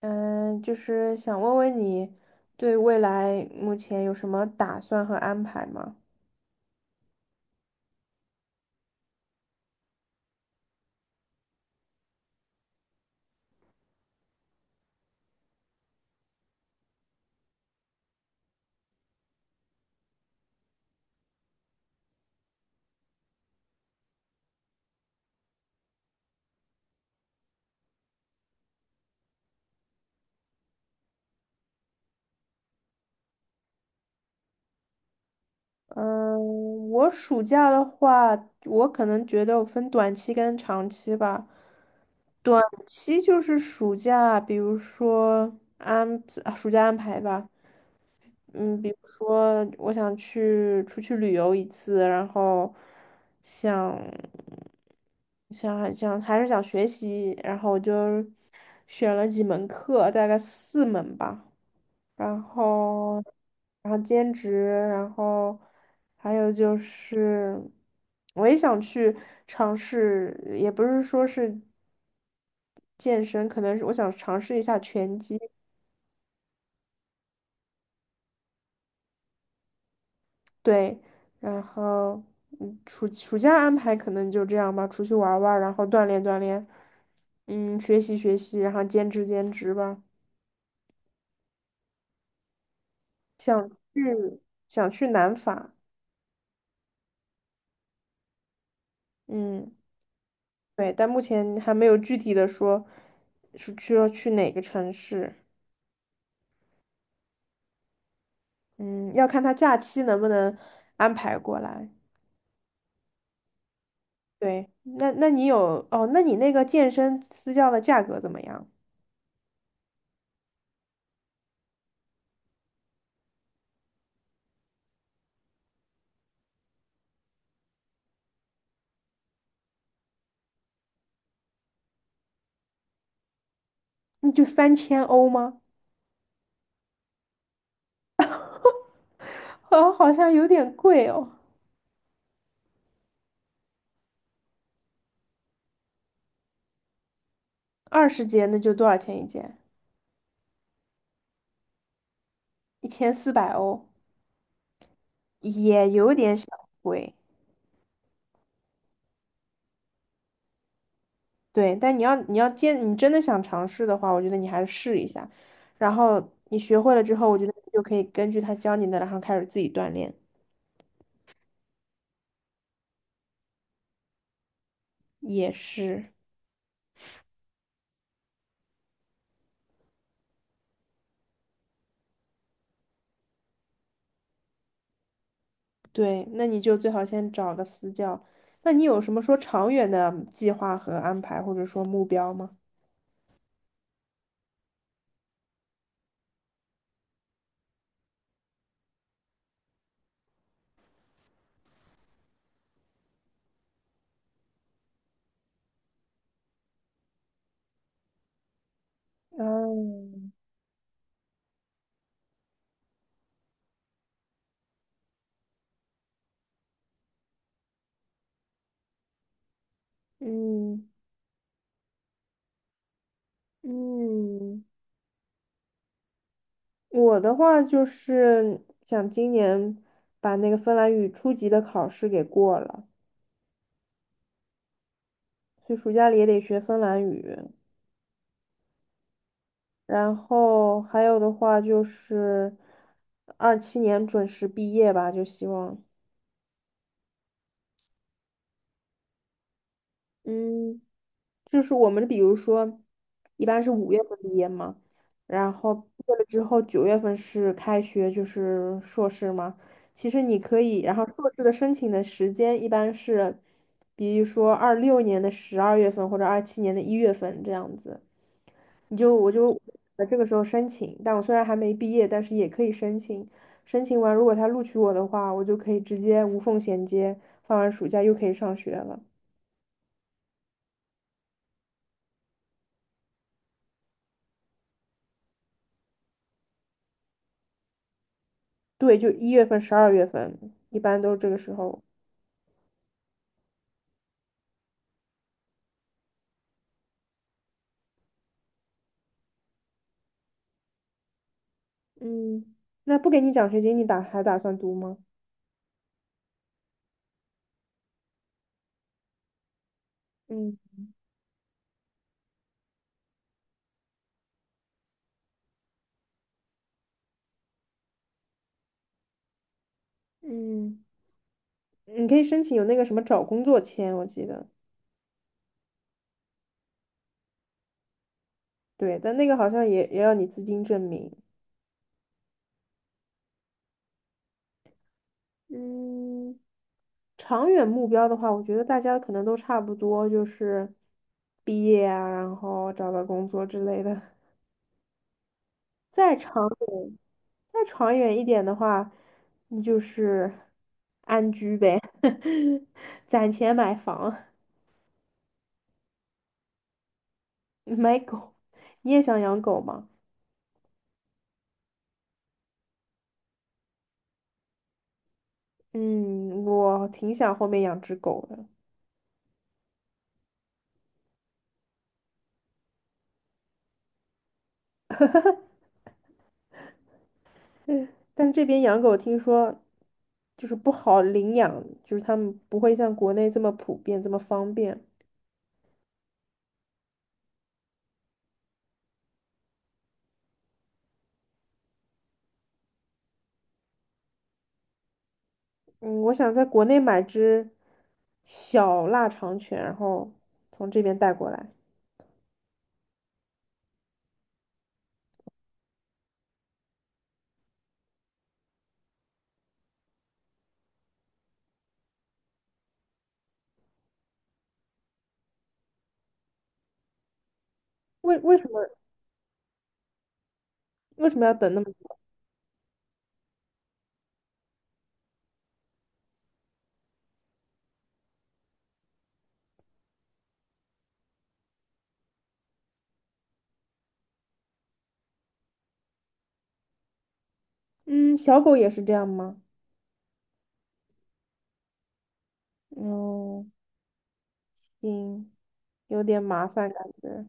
嗯，就是想问问你对未来目前有什么打算和安排吗？嗯，我暑假的话，我可能觉得我分短期跟长期吧。短期就是暑假，比如说安，暑假安排吧。嗯，比如说我出去旅游一次，然后想想还想还是想学习，然后我就选了几门课，大概四门吧，然后然后兼职，然后还有就是我也想去尝试，也不是说是健身，可能是我想尝试一下拳击。对，然后暑假安排可能就这样吧，出去玩儿玩儿然后锻炼锻炼，学习学习，然后兼职兼职吧。想去想去南法，嗯，对，但目前还没有具体的说要去哪个城市，嗯，要看他假期能不能安排过来。对，那你有哦？那你那个健身私教的价格怎么样？那就3000欧吗？好，好像有点贵哦。20节那就多少钱一件？1400欧，也有点小贵。对，但你要你要坚，你真的想尝试的话，我觉得你还是试一下。然后你学会了之后，我觉得你就可以根据他教你的，然后开始自己锻炼。也是，对，那你就最好先找个私教。那你有什么说长远的计划和安排，或者说目标吗？嗯嗯嗯。我的话就是想今年把那个芬兰语初级的考试给过了，所以暑假里也得学芬兰语。然后还有的话就是二七年准时毕业吧，就希望嗯。就是我们比如说，一般是5月份毕业嘛，然后毕业了之后9月份是开学，就是硕士嘛。其实你可以，然后硕士的申请的时间一般是，比如说26年的十二月份或者二七年的一月份这样子，我就这个时候申请，但我虽然还没毕业，但是也可以申请。申请完，如果他录取我的话，我就可以直接无缝衔接，放完暑假又可以上学了。对，就一月份、十二月份，一般都是这个时候。嗯那不给你奖学金，你还打算读吗？嗯嗯，你可以申请有那个什么找工作签，我记得。对，但那个好像也要你资金证明。嗯长远目标的话，我觉得大家可能都差不多，就是毕业啊，然后找到工作之类的。再长远，再长远一点的话，你就是安居呗，攒钱买房，买狗。你也想养狗吗？嗯，我挺想后面养只狗的，但这边养狗听说就是不好领养，就是他们不会像国内这么普遍，这么方便。嗯，我想在国内买只小腊肠犬，然后从这边带过来。为为什么为什么要等那么？嗯，小狗也是这样吗？哦嗯，行，有点麻烦感觉。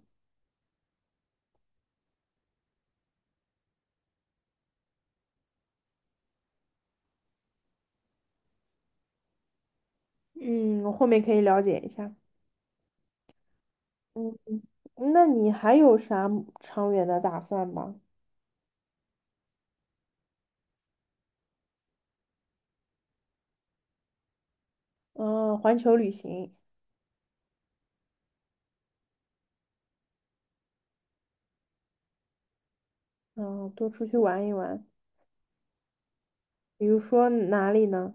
嗯，我后面可以了解一下。嗯，那你还有啥长远的打算吗？嗯，环球旅行，嗯，多出去玩一玩。比如说哪里呢？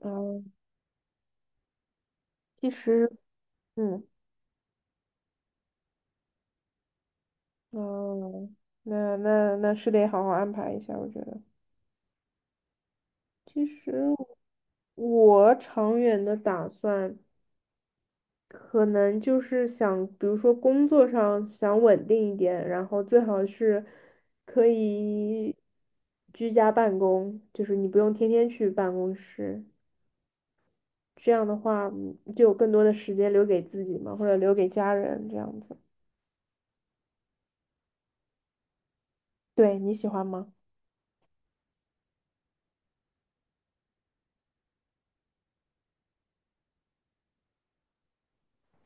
嗯，其实，嗯，嗯，那是得好好安排一下，我觉得。其实我长远的打算。可能就是想，比如说工作上想稳定一点，然后最好是可以居家办公，就是你不用天天去办公室，这样的话就有更多的时间留给自己嘛，或者留给家人这样子。对，你喜欢吗？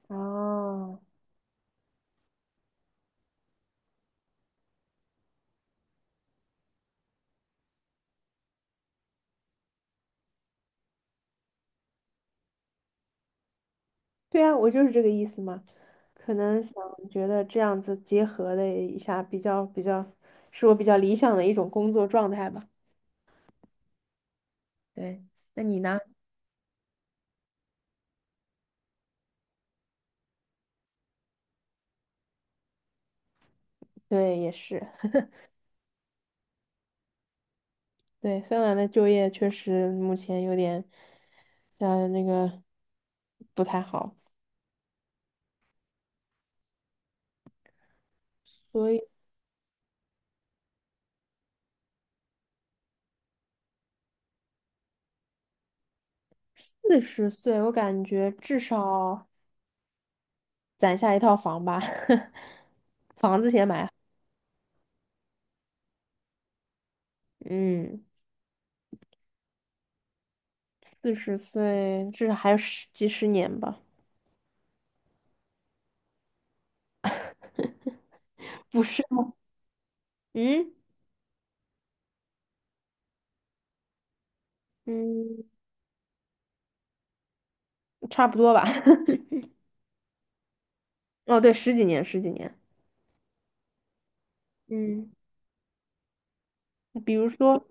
哦，对啊，我就是这个意思嘛。可能想觉得这样子结合的一下，比较比较，是我比较理想的一种工作状态吧。对，那你呢？对，也是。对，芬兰的就业确实目前有点，那个不太好，所以四十岁我感觉至少攒下一套房吧，房子先买好。嗯，四十岁至少还有10年吧，不是？嗯嗯，差不多吧。哦，对，十几年，十几年。嗯，比如说，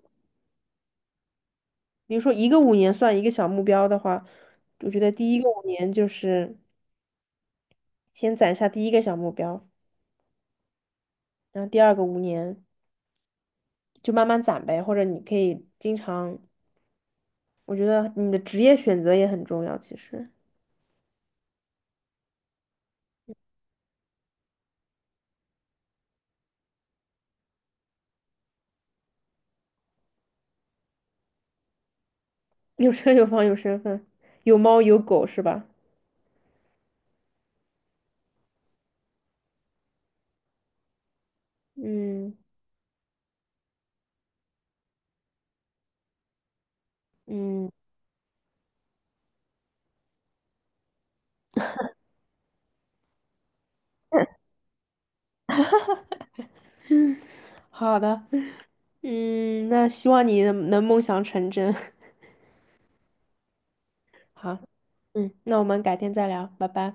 一个五年算一个小目标的话，我觉得第一个五年就是先攒下第一个小目标。然后第二个五年就慢慢攒呗，或者你可以经常，我觉得你的职业选择也很重要，其实有车有房有身份，有猫有狗是吧？嗯嗯，好的，嗯，那希望你能梦想成真。好，嗯，那我们改天再聊，拜拜。